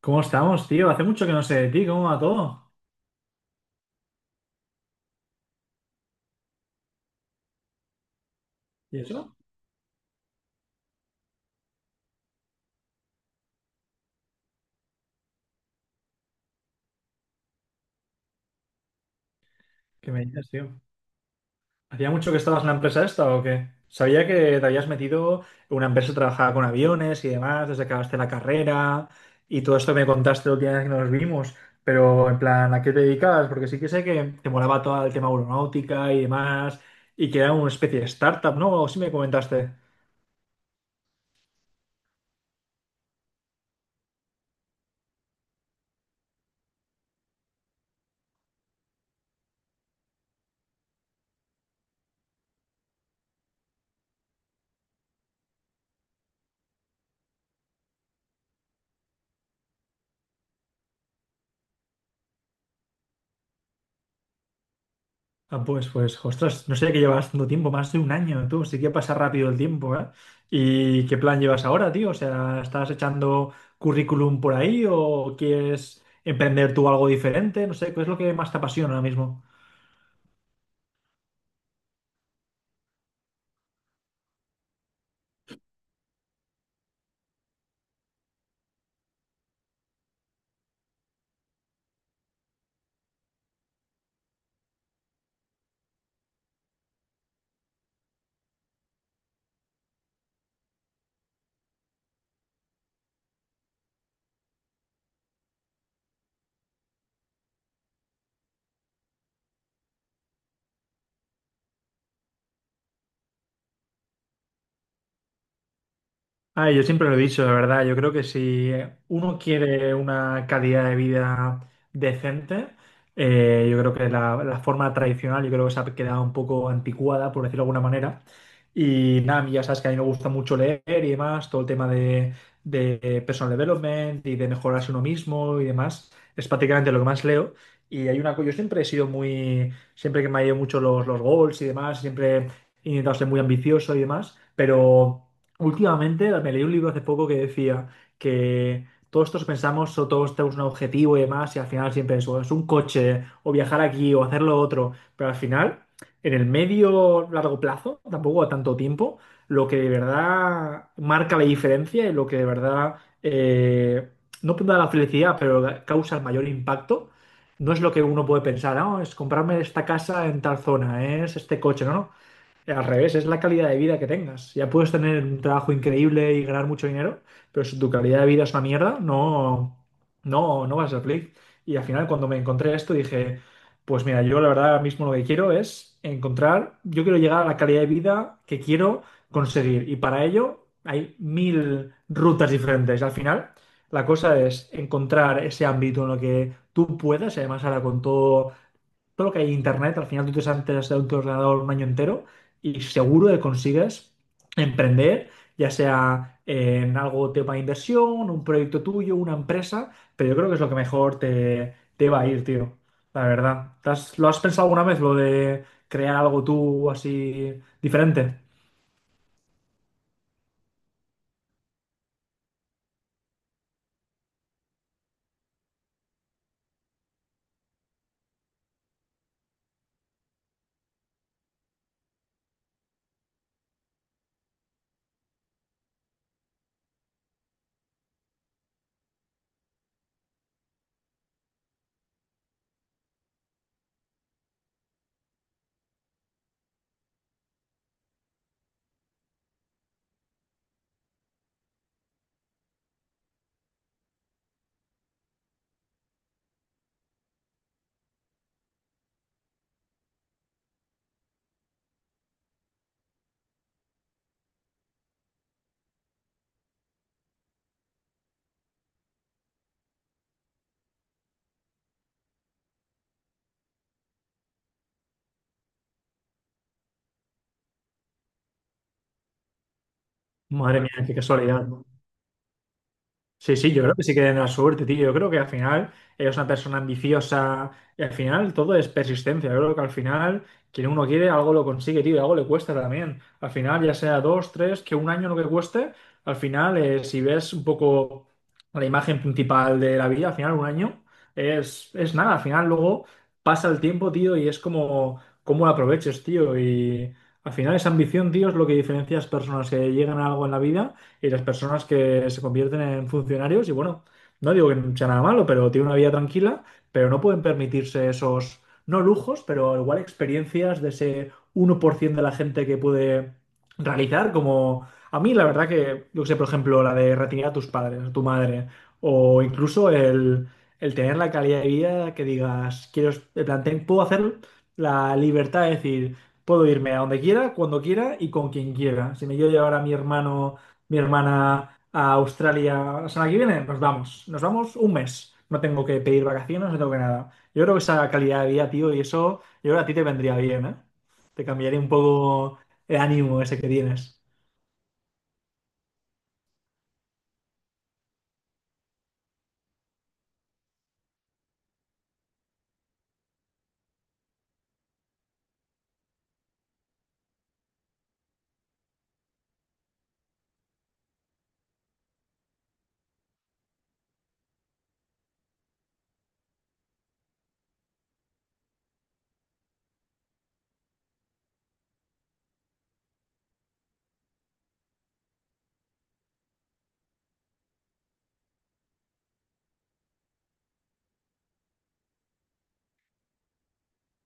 ¿Cómo estamos, tío? Hace mucho que no sé de ti, ¿cómo va todo? ¿Y eso? ¿Qué me dices, tío? ¿Hacía mucho que estabas en la empresa esta o qué? Sabía que te habías metido en una empresa que trabajaba con aviones y demás, desde que acabaste la carrera y todo esto me contaste la última vez que nos vimos, pero en plan, ¿a qué te dedicabas? Porque sí que sé que te molaba todo el tema aeronáutica y demás, y que era una especie de startup, ¿no? O sí me comentaste. Ah, pues, ostras, no sé que llevas tanto tiempo, más de un año, tú, sí que pasa rápido el tiempo, ¿eh? ¿Y qué plan llevas ahora, tío? O sea, ¿estás echando currículum por ahí o quieres emprender tú algo diferente? No sé, ¿qué es lo que más te apasiona ahora mismo? Ah, yo siempre lo he dicho, la verdad. Yo creo que si uno quiere una calidad de vida decente, yo creo que la forma tradicional, yo creo que se ha quedado un poco anticuada, por decirlo de alguna manera. Y nada, a mí ya sabes que a mí me gusta mucho leer y demás, todo el tema de personal development y de mejorarse uno mismo y demás, es prácticamente lo que más leo. Y hay una cosa, yo siempre he sido muy, siempre que me ha ido mucho los goals y demás, siempre he intentado ser muy ambicioso y demás, pero... Últimamente me leí un libro hace poco que decía que todos pensamos o todos tenemos un objetivo y demás y al final siempre es un coche o viajar aquí o hacer lo otro, pero al final en el medio largo plazo, tampoco a tanto tiempo, lo que de verdad marca la diferencia y lo que de verdad eh, no da la felicidad, pero causa el mayor impacto, no es lo que uno puede pensar, no es comprarme esta casa en tal zona, es este coche, no, no. Al revés, es la calidad de vida que tengas. Ya puedes tener un trabajo increíble y ganar mucho dinero, pero si tu calidad de vida es una mierda, no, no, no vas a ser feliz. Y al final, cuando me encontré esto, dije, pues mira, yo la verdad ahora mismo lo que quiero es encontrar, yo quiero llegar a la calidad de vida que quiero conseguir. Y para ello hay mil rutas diferentes. Al final, la cosa es encontrar ese ámbito en lo que tú puedas, y además ahora con todo lo que hay en internet, al final tú te sientas de tu ordenador un año entero y seguro que consigues emprender, ya sea en algo tema de inversión, un proyecto tuyo, una empresa, pero yo creo que es lo que mejor te va a ir, tío, la verdad. ¿Te has- ¿Lo has pensado alguna vez, lo de crear algo tú así diferente? Madre mía, qué casualidad, ¿no? Sí, sí, yo creo que sí que tienen la suerte, tío. Yo creo que al final ella es una persona ambiciosa y al final todo es persistencia. Yo creo que al final quien uno quiere algo lo consigue, tío, y algo le cuesta también. Al final, ya sea dos, tres, que un año lo que cueste, al final, si ves un poco la imagen principal de la vida, al final un año es nada. Al final luego pasa el tiempo, tío, y es como cómo lo aproveches, tío. Y al final esa ambición, tío, es lo que diferencia a las personas que llegan a algo en la vida y las personas que se convierten en funcionarios y bueno, no digo que no sea nada malo, pero tiene una vida tranquila, pero no pueden permitirse esos, no lujos, pero igual experiencias de ese 1% de la gente que puede realizar, como a mí la verdad que, yo que sé, por ejemplo, la de retirar a tus padres, a tu madre, o incluso el tener la calidad de vida que digas, quiero, me planteé- puedo hacer la libertad de decir, puedo irme a donde quiera, cuando quiera y con quien quiera. Si me quiero llevar a mi hermano mi hermana a Australia la semana que viene, nos vamos. Nos vamos un mes. No tengo que pedir vacaciones, no tengo que nada. Yo creo que esa calidad de vida, tío, y eso, yo creo que a ti te vendría bien, ¿eh? Te cambiaría un poco el ánimo ese que tienes.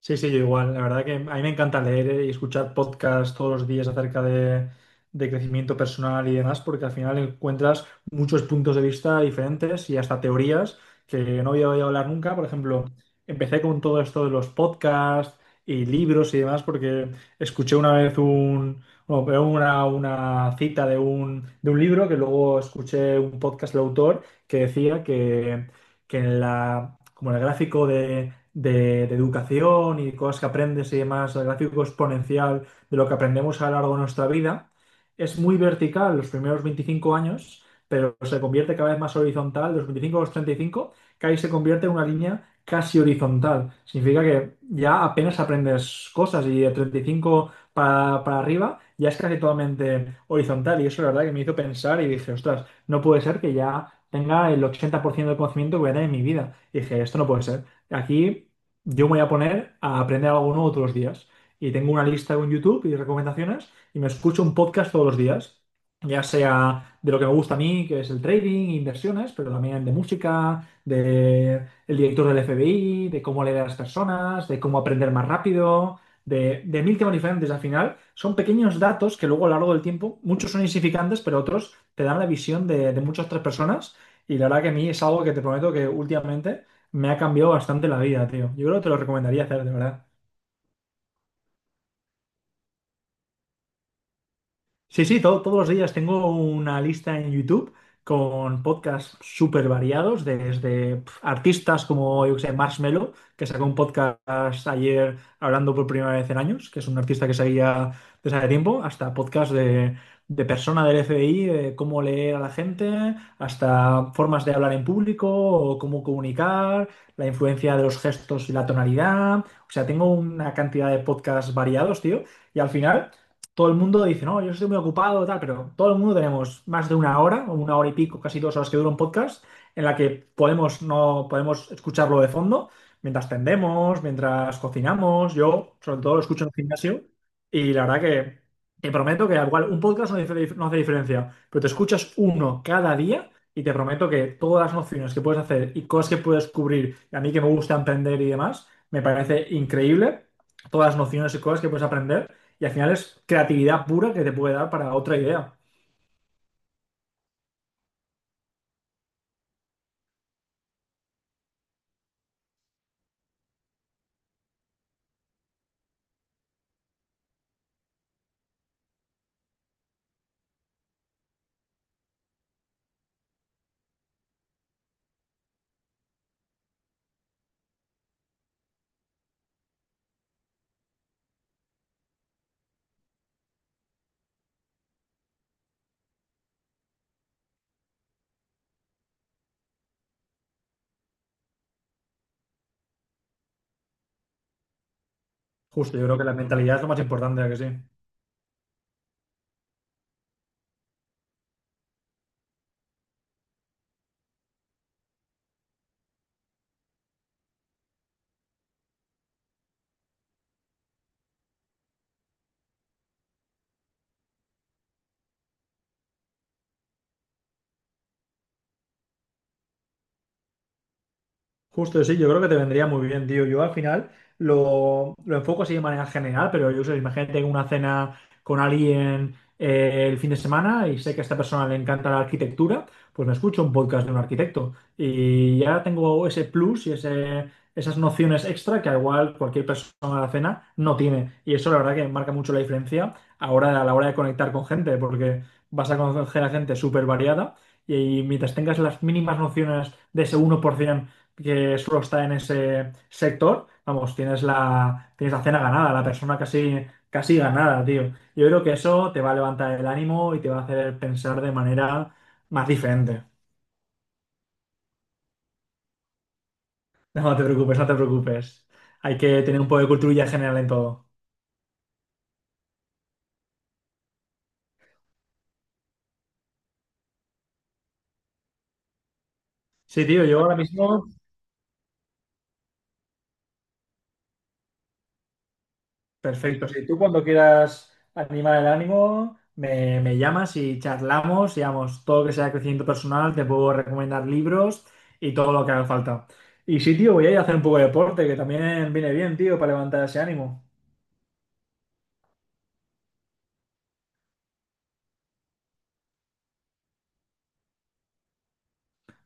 Sí, sí, yo igual. La verdad que a mí me encanta leer y escuchar podcasts todos los días acerca de crecimiento personal y demás, porque al final encuentras muchos puntos de vista diferentes y hasta teorías que no había oído hablar nunca. Por ejemplo, empecé con todo esto de los podcasts y libros y demás, porque escuché una vez bueno, pero una cita de de un libro que luego escuché un podcast del autor que decía que en la como el gráfico de educación y cosas que aprendes y demás, el gráfico exponencial de lo que aprendemos a lo largo de nuestra vida, es muy vertical los primeros 25 años, pero se convierte cada vez más horizontal, de los 25 a los 35, que ahí se convierte en una línea casi horizontal. Significa que ya apenas aprendes cosas y de 35 para arriba ya es casi totalmente horizontal y eso la verdad que me hizo pensar y dije, ostras, no puede ser que ya tenga el 80% del conocimiento que voy a tener en mi vida. Y dije, esto no puede ser. Aquí yo me voy a poner a aprender algo nuevo todos los días. Y tengo una lista en YouTube y recomendaciones y me escucho un podcast todos los días, ya sea de lo que me gusta a mí, que es el trading, inversiones, pero también de música, de el director del FBI, de cómo leer a las personas, de cómo aprender más rápido. De mil temas diferentes al final, son pequeños datos que luego a lo largo del tiempo, muchos son insignificantes, pero otros te dan la visión de muchas otras personas y la verdad que a mí es algo que te prometo que últimamente me ha cambiado bastante la vida, tío. Yo creo que te lo recomendaría hacer, de verdad. Sí, sí, todos los días tengo una lista en YouTube con podcasts súper variados, desde pf, artistas como, yo que sé, Marshmello, que sacó un podcast ayer hablando por primera vez en años, que es un artista que seguía desde hace tiempo, hasta podcast de persona del FBI, de cómo leer a la gente, hasta formas de hablar en público o cómo comunicar, la influencia de los gestos y la tonalidad. O sea, tengo una cantidad de podcasts variados, tío. Y al final todo el mundo dice, no, yo estoy muy ocupado, tal, pero todo el mundo tenemos más de una hora, o una hora y pico, casi dos horas que dura un podcast, en la que podemos, no, podemos escucharlo de fondo mientras tendemos, mientras cocinamos. Yo, sobre todo, lo escucho en el gimnasio y la verdad que te prometo que, al igual, un podcast no, no hace diferencia, pero te escuchas uno cada día. Y te prometo que todas las nociones que puedes hacer y cosas que puedes cubrir, y a mí que me gusta emprender y demás, me parece increíble todas las nociones y cosas que puedes aprender. Y al final es creatividad pura que te puede dar para otra idea. Justo, yo creo que la mentalidad es lo más importante, ¿a que sí? Justo sí, yo creo que te vendría muy bien, tío. Yo al final lo enfoco así de manera general, pero yo sé, imagínate tengo una cena con alguien el fin de semana y sé que a esta persona le encanta la arquitectura, pues me escucho un podcast de un arquitecto y ya tengo ese plus y ese, esas nociones extra que al igual cualquier persona de la cena no tiene. Y eso la verdad que marca mucho la diferencia ahora, a la hora de conectar con gente, porque vas a conocer a gente súper variada y mientras tengas las mínimas nociones de ese 1%, que solo está en ese sector, vamos, tienes la cena ganada, la persona casi, casi ganada, tío. Yo creo que eso te va a levantar el ánimo y te va a hacer pensar de manera más diferente. No te preocupes, no te preocupes. Hay que tener un poco de cultura general en todo. Sí, tío, yo ahora mismo... Perfecto. Sí. Si tú cuando quieras animar el ánimo, me llamas y charlamos, y vamos, todo lo que sea crecimiento personal, te puedo recomendar libros y todo lo que haga falta. Y sí, tío, voy a ir a hacer un poco de deporte, que también viene bien, tío, para levantar ese ánimo.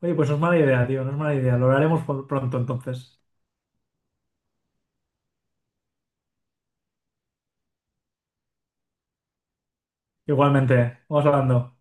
Oye, pues no es mala idea, tío, no es mala idea. Lo haremos pronto entonces. Igualmente, vamos hablando.